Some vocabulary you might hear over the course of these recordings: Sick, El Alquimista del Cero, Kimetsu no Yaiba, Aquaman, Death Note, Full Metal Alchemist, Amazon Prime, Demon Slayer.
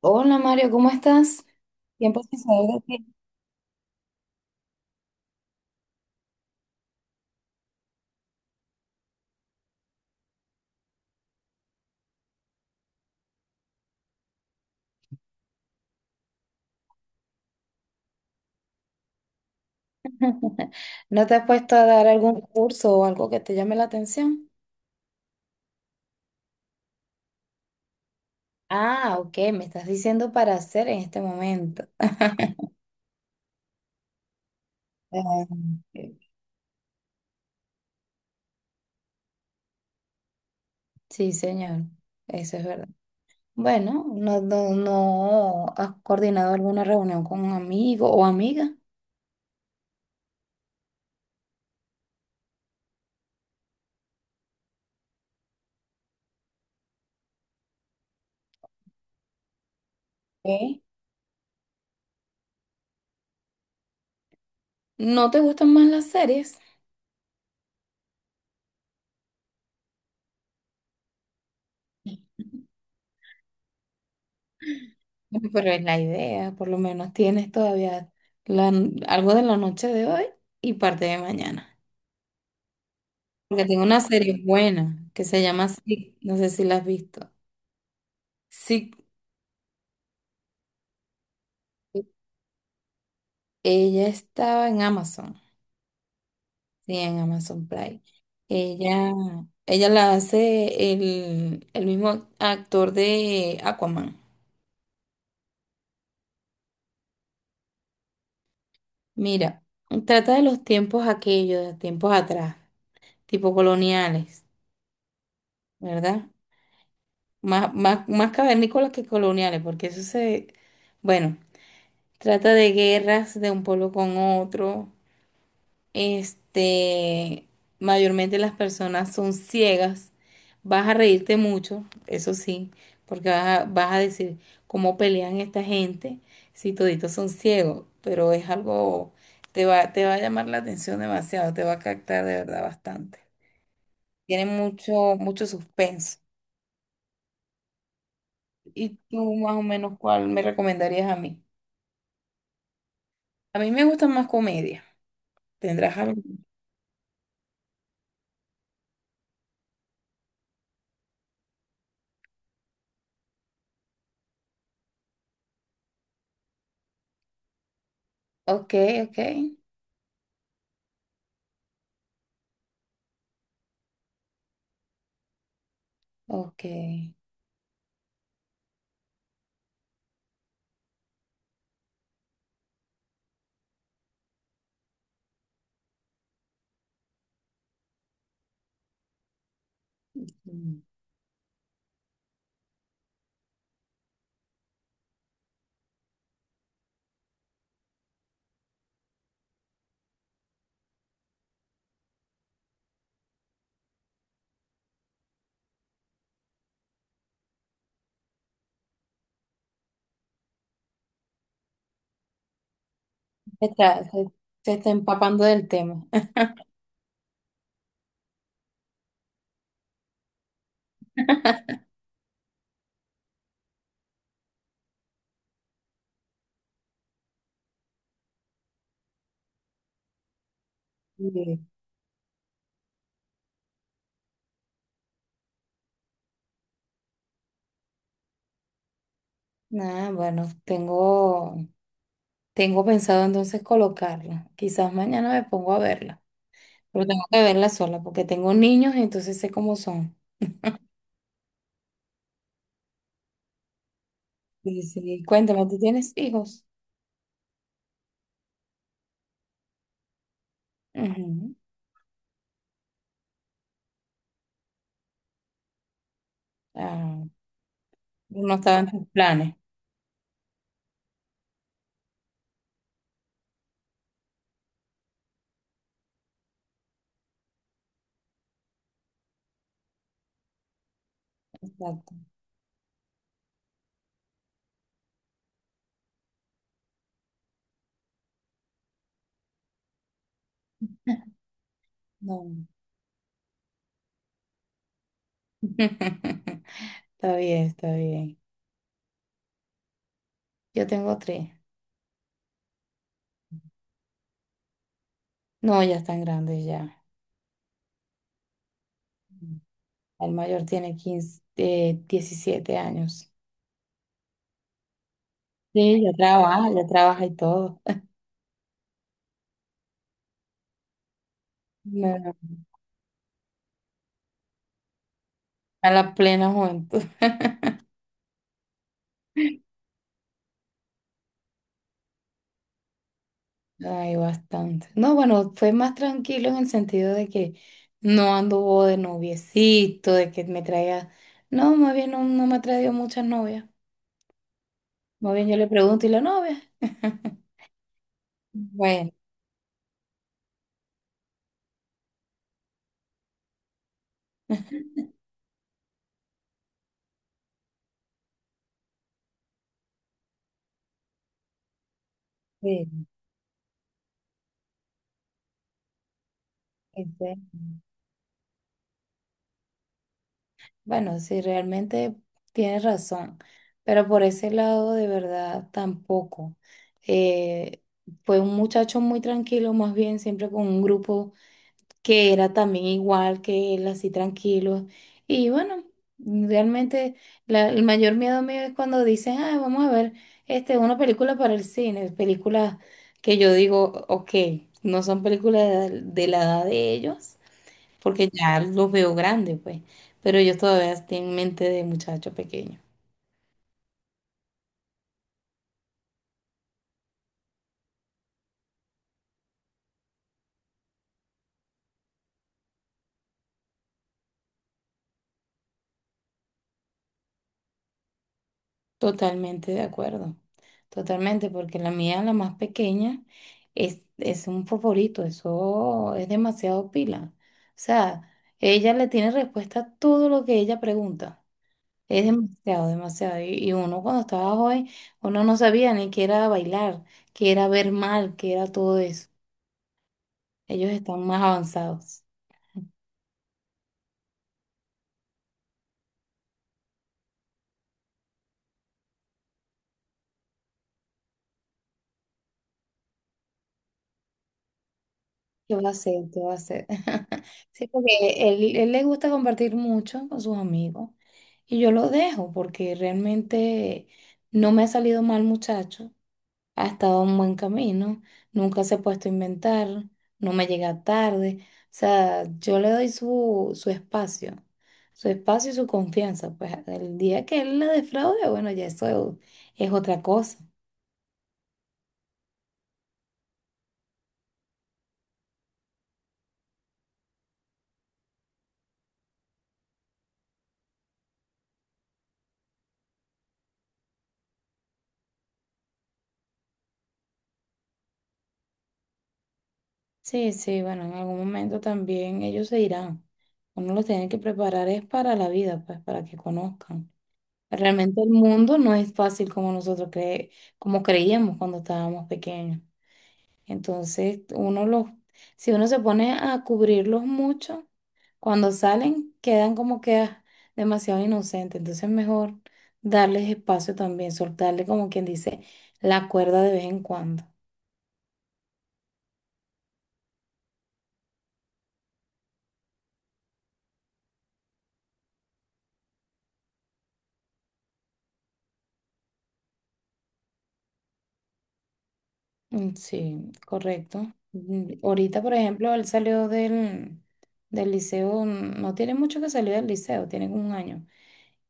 Hola Mario, ¿cómo estás? Tiempo sin saber de ti. ¿No te has puesto a dar algún curso o algo que te llame la atención? Ah, ok, me estás diciendo para hacer en este momento. Ah, ok. Sí, señor, eso es verdad. Bueno, no, no, no has coordinado alguna reunión con un amigo o amiga. ¿Eh? ¿No te gustan más las series? Bueno, pero es la idea, por lo menos tienes todavía la- algo de la noche de hoy y parte de mañana. Porque tengo una serie buena que se llama Sick, no sé si la has visto. Sick, ella estaba en Amazon, sí, en Amazon Prime. Ella, ella la hace el mismo actor de Aquaman. Mira, trata de los tiempos aquellos, de tiempos atrás, tipo coloniales, ¿verdad? Más cavernícolas que coloniales, porque bueno, trata de guerras de un pueblo con otro. Este, mayormente las personas son ciegas. Vas a reírte mucho, eso sí, porque vas a decir cómo pelean esta gente si toditos son ciegos, pero es algo, te va a llamar la atención demasiado, te va a captar de verdad bastante. Tiene mucho suspenso. ¿Y tú más o menos cuál me recomendarías a mí? A mí me gusta más comedia. ¿Tendrás algo? Ok, ok, ok. Mm. Está, se, se está empapando del tema. Sí. Ah, bueno, tengo pensado entonces colocarla. Quizás mañana me pongo a verla, pero tengo que verla sola porque tengo niños y entonces sé cómo son. Sí, sí. Cuéntame, ¿tú tienes hijos? Ujú. Ah, no estaba en tus planes. Exacto. No. Está bien, está bien. Yo tengo tres. No, ya están grandes ya. El mayor tiene 15 17 años. Sí, ya trabaja y todo. No, no, a la plena juventud. Hay bastante. No, bueno, fue más tranquilo en el sentido de que no anduvo de noviecito, de que me traía. No, más bien no, no me ha traído muchas novias. Más bien yo le pregunto, ¿y la novia? Bueno, sí, ese. Bueno, sí, realmente tienes razón, pero por ese lado de verdad tampoco. Eh, fue un muchacho muy tranquilo, más bien siempre con un grupo que era también igual que él, así tranquilo. Y bueno, realmente el mayor miedo mío es cuando dicen, ah, vamos a ver este, una película para el cine, películas que yo digo, ok, no son películas de la edad de ellos porque ya los veo grandes, pues, pero yo todavía estoy en mente de muchacho pequeño. Totalmente de acuerdo, totalmente, porque la mía, la más pequeña, es un favorito, eso es demasiado pila. O sea, ella le tiene respuesta a todo lo que ella pregunta. Es demasiado, demasiado. Y uno cuando estaba joven, uno no sabía ni qué era bailar, qué era ver mal, qué era todo eso. Ellos están más avanzados. ¿Qué va a hacer? ¿Qué va a hacer? Sí, porque él le gusta compartir mucho con sus amigos y yo lo dejo porque realmente no me ha salido mal muchacho, ha estado en buen camino, nunca se ha puesto a inventar, no me llega tarde, o sea, yo le doy su espacio y su confianza, pues el día que él la defraude, bueno, ya eso es otra cosa. Sí, sí, bueno, en algún momento también ellos se irán. Uno los tiene que preparar es para la vida, pues, para que conozcan. Realmente el mundo no es fácil como como creíamos cuando estábamos pequeños. Entonces, si uno se pone a cubrirlos mucho, cuando salen quedan como que ah, demasiado inocentes. Entonces, mejor darles espacio también, soltarle como quien dice la cuerda de vez en cuando. Mm, sí, correcto. Mm, ahorita, por ejemplo, del liceo, mm, no tiene mucho que salir del liceo, tiene como un año.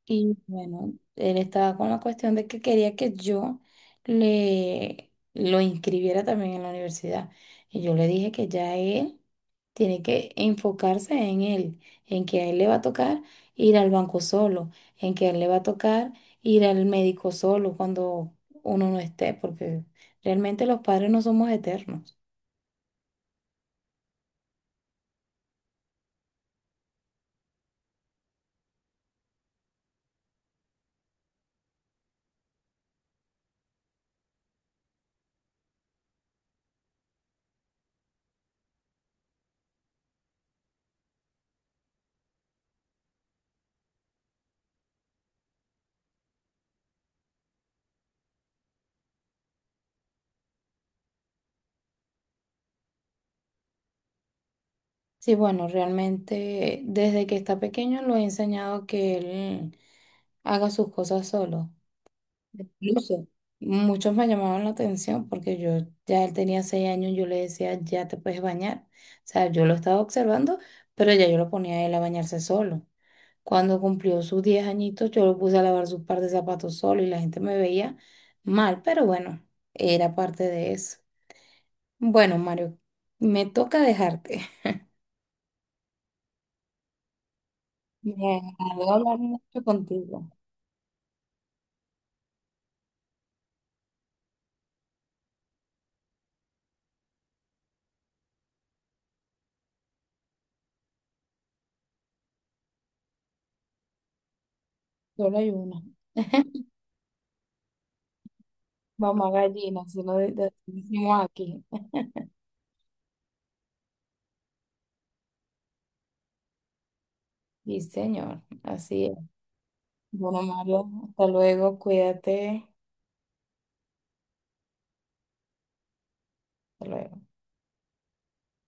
Y bueno, él estaba con la cuestión de que quería que yo le lo inscribiera también en la universidad. Y yo le dije que ya él tiene que enfocarse en él, en que a él le va a tocar ir al banco solo, en que a él le va a tocar ir al médico solo cuando uno no esté, porque realmente los padres no somos eternos. Sí, bueno, realmente desde que está pequeño lo he enseñado que él haga sus cosas solo. Incluso muchos me llamaban la atención porque yo él tenía 6 años, yo le decía, ya te puedes bañar. O sea, yo lo estaba observando, pero ya yo lo ponía a él a bañarse solo. Cuando cumplió sus 10 añitos, yo lo puse a lavar sus par de zapatos solo y la gente me veía mal, pero bueno, era parte de eso. Bueno, Mario, me toca dejarte. Me voy hablar mucho contigo. Solo hay una. Mamá gallina, si lo decimos aquí. Sí, señor, así es. Bueno, Mario, hasta luego, cuídate. Hasta luego.